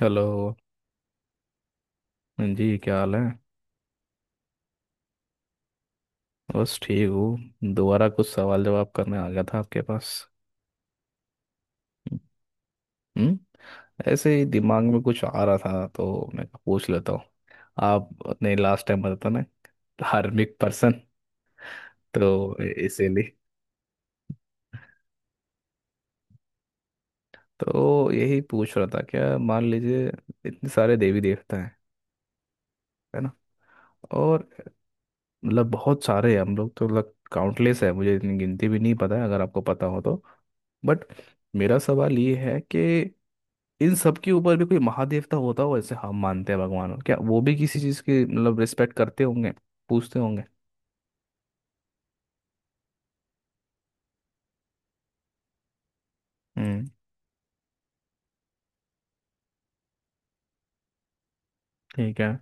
Hello. हाँ जी, क्या हाल है? बस ठीक हूँ। दोबारा कुछ सवाल जवाब करने आ गया था आपके पास। हम्म। ऐसे ही दिमाग में कुछ आ रहा था तो मैं कहा पूछ लेता हूँ। आप अपने लास्ट टाइम बताता ना, धार्मिक पर्सन। तो इसीलिए। तो यही पूछ रहा था। क्या मान लीजिए, इतने सारे देवी देवता हैं, है ना? और मतलब बहुत सारे हैं, हम लोग तो लग काउंटलेस है, मुझे इतनी गिनती भी नहीं पता है, अगर आपको पता हो तो। बट मेरा सवाल ये है कि इन सब के ऊपर भी कोई महादेवता होता हो, ऐसे हम मानते हैं भगवान को। क्या वो भी किसी चीज़ की मतलब रिस्पेक्ट करते होंगे? पूछते होंगे? हम्म। ठीक है।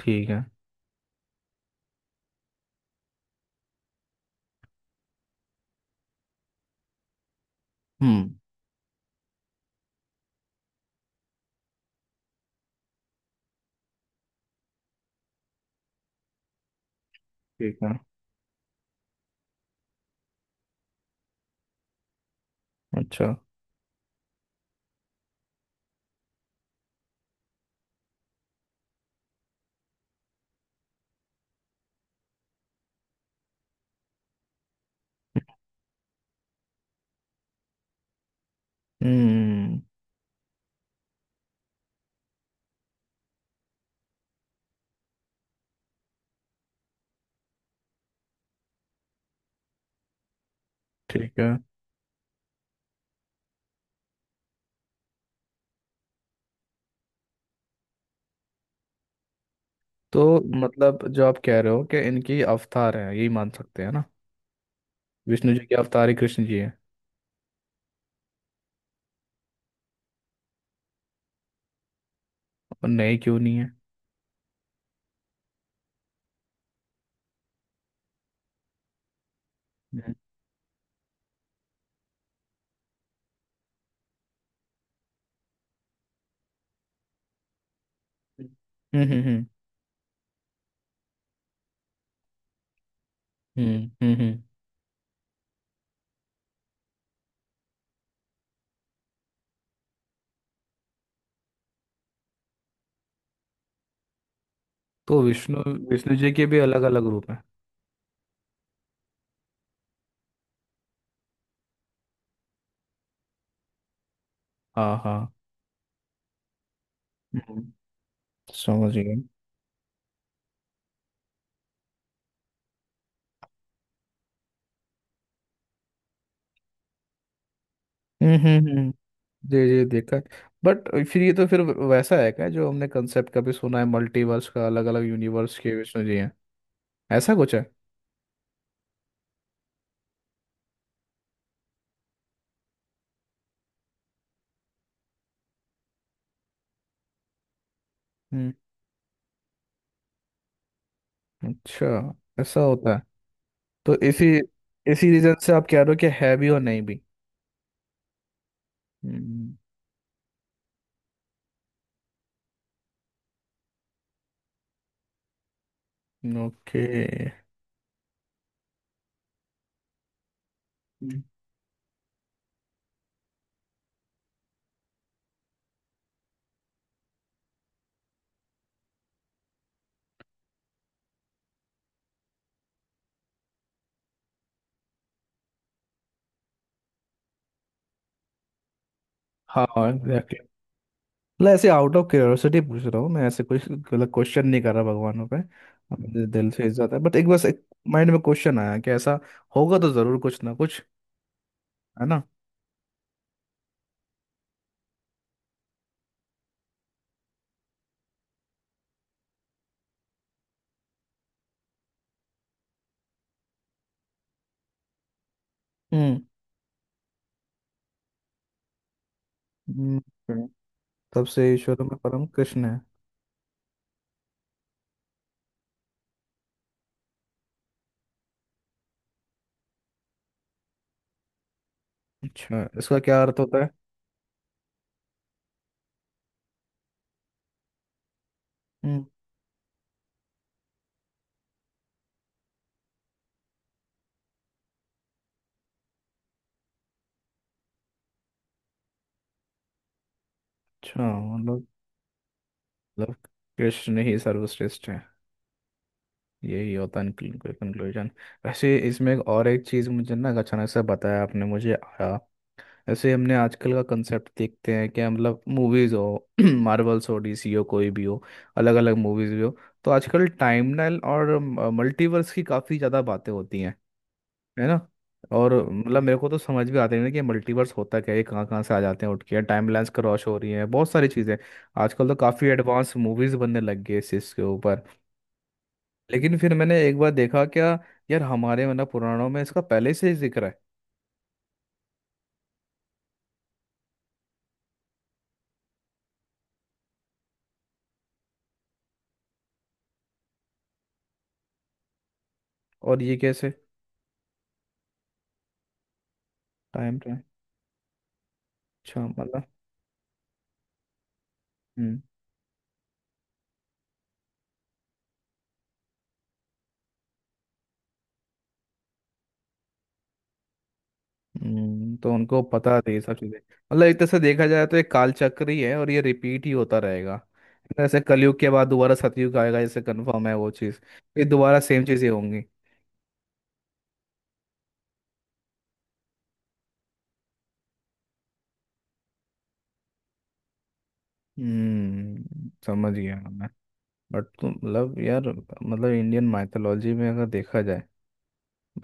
ठीक है। हम्म। ठीक है। अच्छा। हम्म। ठीक है। तो मतलब जो आप कह रहे हो कि इनकी अवतार है, यही मान सकते हैं ना? विष्णु जी के अवतार ही कृष्ण जी है। और नहीं क्यों नहीं है? हम्म हम्म। हम्म, हम्म, हम्म। तो विष्णु। विष्णु जी के भी अलग अलग रूप हैं। हाँ हाँ। हम्म, समझ गए। हम्म हम्म हम्म। जी जी देखा है। बट फिर ये तो फिर वैसा है क्या, जो हमने कंसेप्ट कभी सुना है मल्टीवर्स का, अलग अलग यूनिवर्स के विष्णु जी हैं? ऐसा कुछ है? हम्म। अच्छा। ऐसा होता है? तो इसी इसी रीजन से आप कह रहे हो कि है भी और नहीं भी? हम्म। ओके। हम्म। हाँ एग्जैक्टली। मतलब ऐसे आउट ऑफ क्यूरियोसिटी पूछ रहा हूँ मैं, ऐसे कुछ मतलब क्वेश्चन नहीं कर रहा भगवानों पे। अपने दिल से इज्जत है। बट एक बस एक माइंड में क्वेश्चन आया कि ऐसा होगा तो जरूर कुछ ना कुछ। है ना? हम्म। हम्म, तब से ईश्वर में परम कृष्ण है। अच्छा, इसका क्या अर्थ होता है? हम्म। अच्छा, मतलब। मतलब कृष्ण ही सर्वश्रेष्ठ है। यही होता है कंक्लूजन। वैसे इसमें एक और एक चीज़ मुझे ना अचानक से बताया आपने मुझे आया। ऐसे हमने आजकल का कंसेप्ट देखते हैं कि मतलब मूवीज़ हो, मार्वल्स हो, डीसी हो, कोई भी हो, अलग अलग मूवीज़ भी हो, तो आजकल टाइमलाइन और मल्टीवर्स की काफ़ी ज़्यादा बातें होती हैं, है ना? और मतलब मेरे को तो समझ भी आते नहीं ना कि मल्टीवर्स होता क्या है, ये कहाँ कहाँ से आ जाते हैं उठ के, टाइमलाइंस क्रॉस हो रही हैं, बहुत सारी चीज़ें। आजकल तो काफ़ी एडवांस मूवीज बनने लग गई इस चीज़ के ऊपर। लेकिन फिर मैंने एक बार देखा क्या यार, हमारे मतलब पुराणों में इसका पहले से ही जिक्र है। और ये कैसे? Time time. अच्छा मतलब। हम्म। तो उनको पता थी ये सब चीज़ें, मतलब एक तरह से देखा जाए तो एक कालचक्र ही है और ये रिपीट ही होता रहेगा। ऐसे कलयुग के बाद दोबारा सतयुग आएगा, जैसे कन्फर्म है वो चीज़? ये दोबारा सेम चीज़ें होंगी? हम्म, समझ गया मैं। बट तुम मतलब यार, मतलब इंडियन माइथोलॉजी में अगर देखा जाए,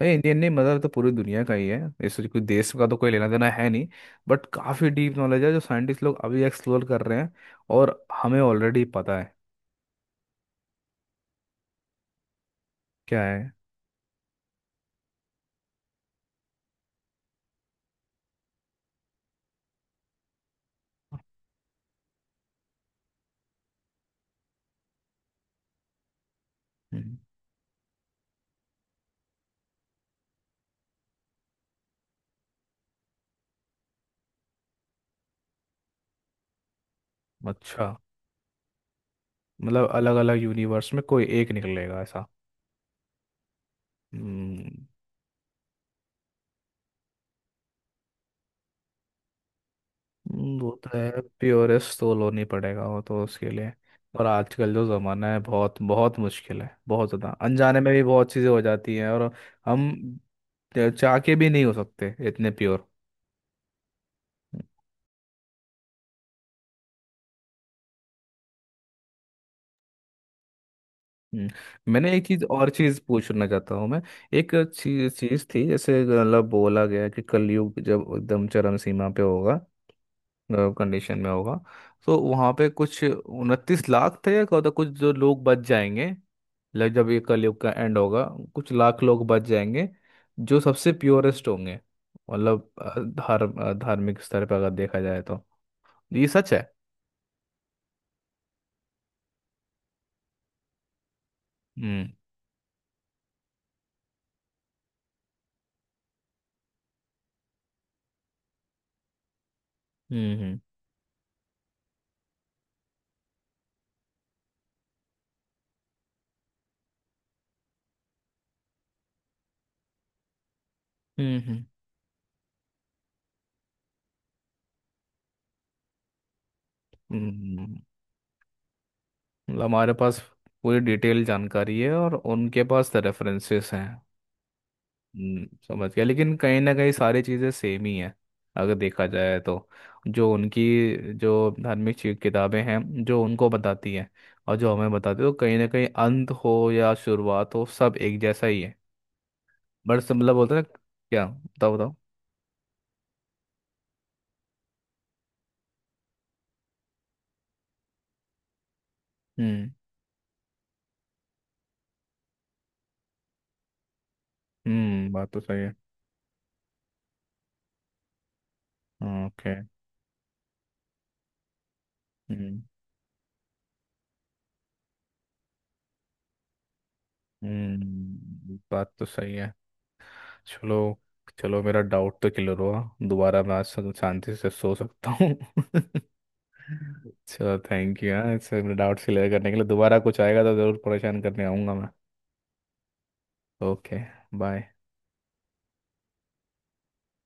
भाई इंडियन नहीं, मतलब तो पूरी दुनिया का ही है, इससे कोई देश का तो कोई लेना देना है नहीं। बट काफ़ी डीप नॉलेज है जो साइंटिस्ट लोग अभी एक्सप्लोर कर रहे हैं और हमें ऑलरेडी पता है। क्या है? हम्म। अच्छा, मतलब अलग अलग यूनिवर्स में कोई एक निकलेगा, ऐसा? हम्म। वो तो है प्योरेस्ट, तो लोन ही पड़ेगा वो तो उसके लिए। और आजकल जो ज़माना है बहुत बहुत मुश्किल है, बहुत ज़्यादा अनजाने में भी बहुत चीज़ें हो जाती हैं और हम चाह के भी नहीं हो सकते इतने प्योर। हम्म, मैंने एक चीज और चीज पूछना चाहता हूँ मैं। एक चीज चीज थी जैसे मतलब बोला गया कि कलयुग जब एकदम चरम सीमा पे होगा, कंडीशन में होगा, तो वहाँ पे कुछ 29 लाख थे या क्या होता कुछ, जो लोग बच जाएंगे। लाइक जब ये कलयुग का एंड होगा, कुछ लाख लोग बच जाएंगे जो सबसे प्योरेस्ट होंगे। मतलब धार्मिक स्तर पर अगर देखा जाए तो, ये सच है? हम्म हम्म हम्म हम्म हम्म, हम्म। हम्म, हम्म। मतलब हमारे पास पूरी डिटेल जानकारी है और उनके पास रेफरेंसेस हैं। समझ गया। लेकिन कहीं ना कहीं सारी चीज़ें सेम ही हैं अगर देखा जाए तो, जो उनकी जो धार्मिक किताबें हैं, जो उनको बताती हैं और जो हमें बताती है, तो कहीं ना कहीं अंत हो या शुरुआत हो सब एक जैसा ही है। बट मतलब बोलते हैं ना, क्या बताओ बताओ। हम्म हम्म, बात तो सही है। ओके। हम्म हम्म, बात तो सही है। चलो चलो, मेरा डाउट तो क्लियर हुआ। दोबारा मैं आज शांति से सो सकता हूँ। अच्छा, थैंक यू। हाँ, इस डाउट्स क्लियर करने के लिए दोबारा कुछ आएगा तो ज़रूर परेशान करने आऊँगा मैं। ओके। बाय।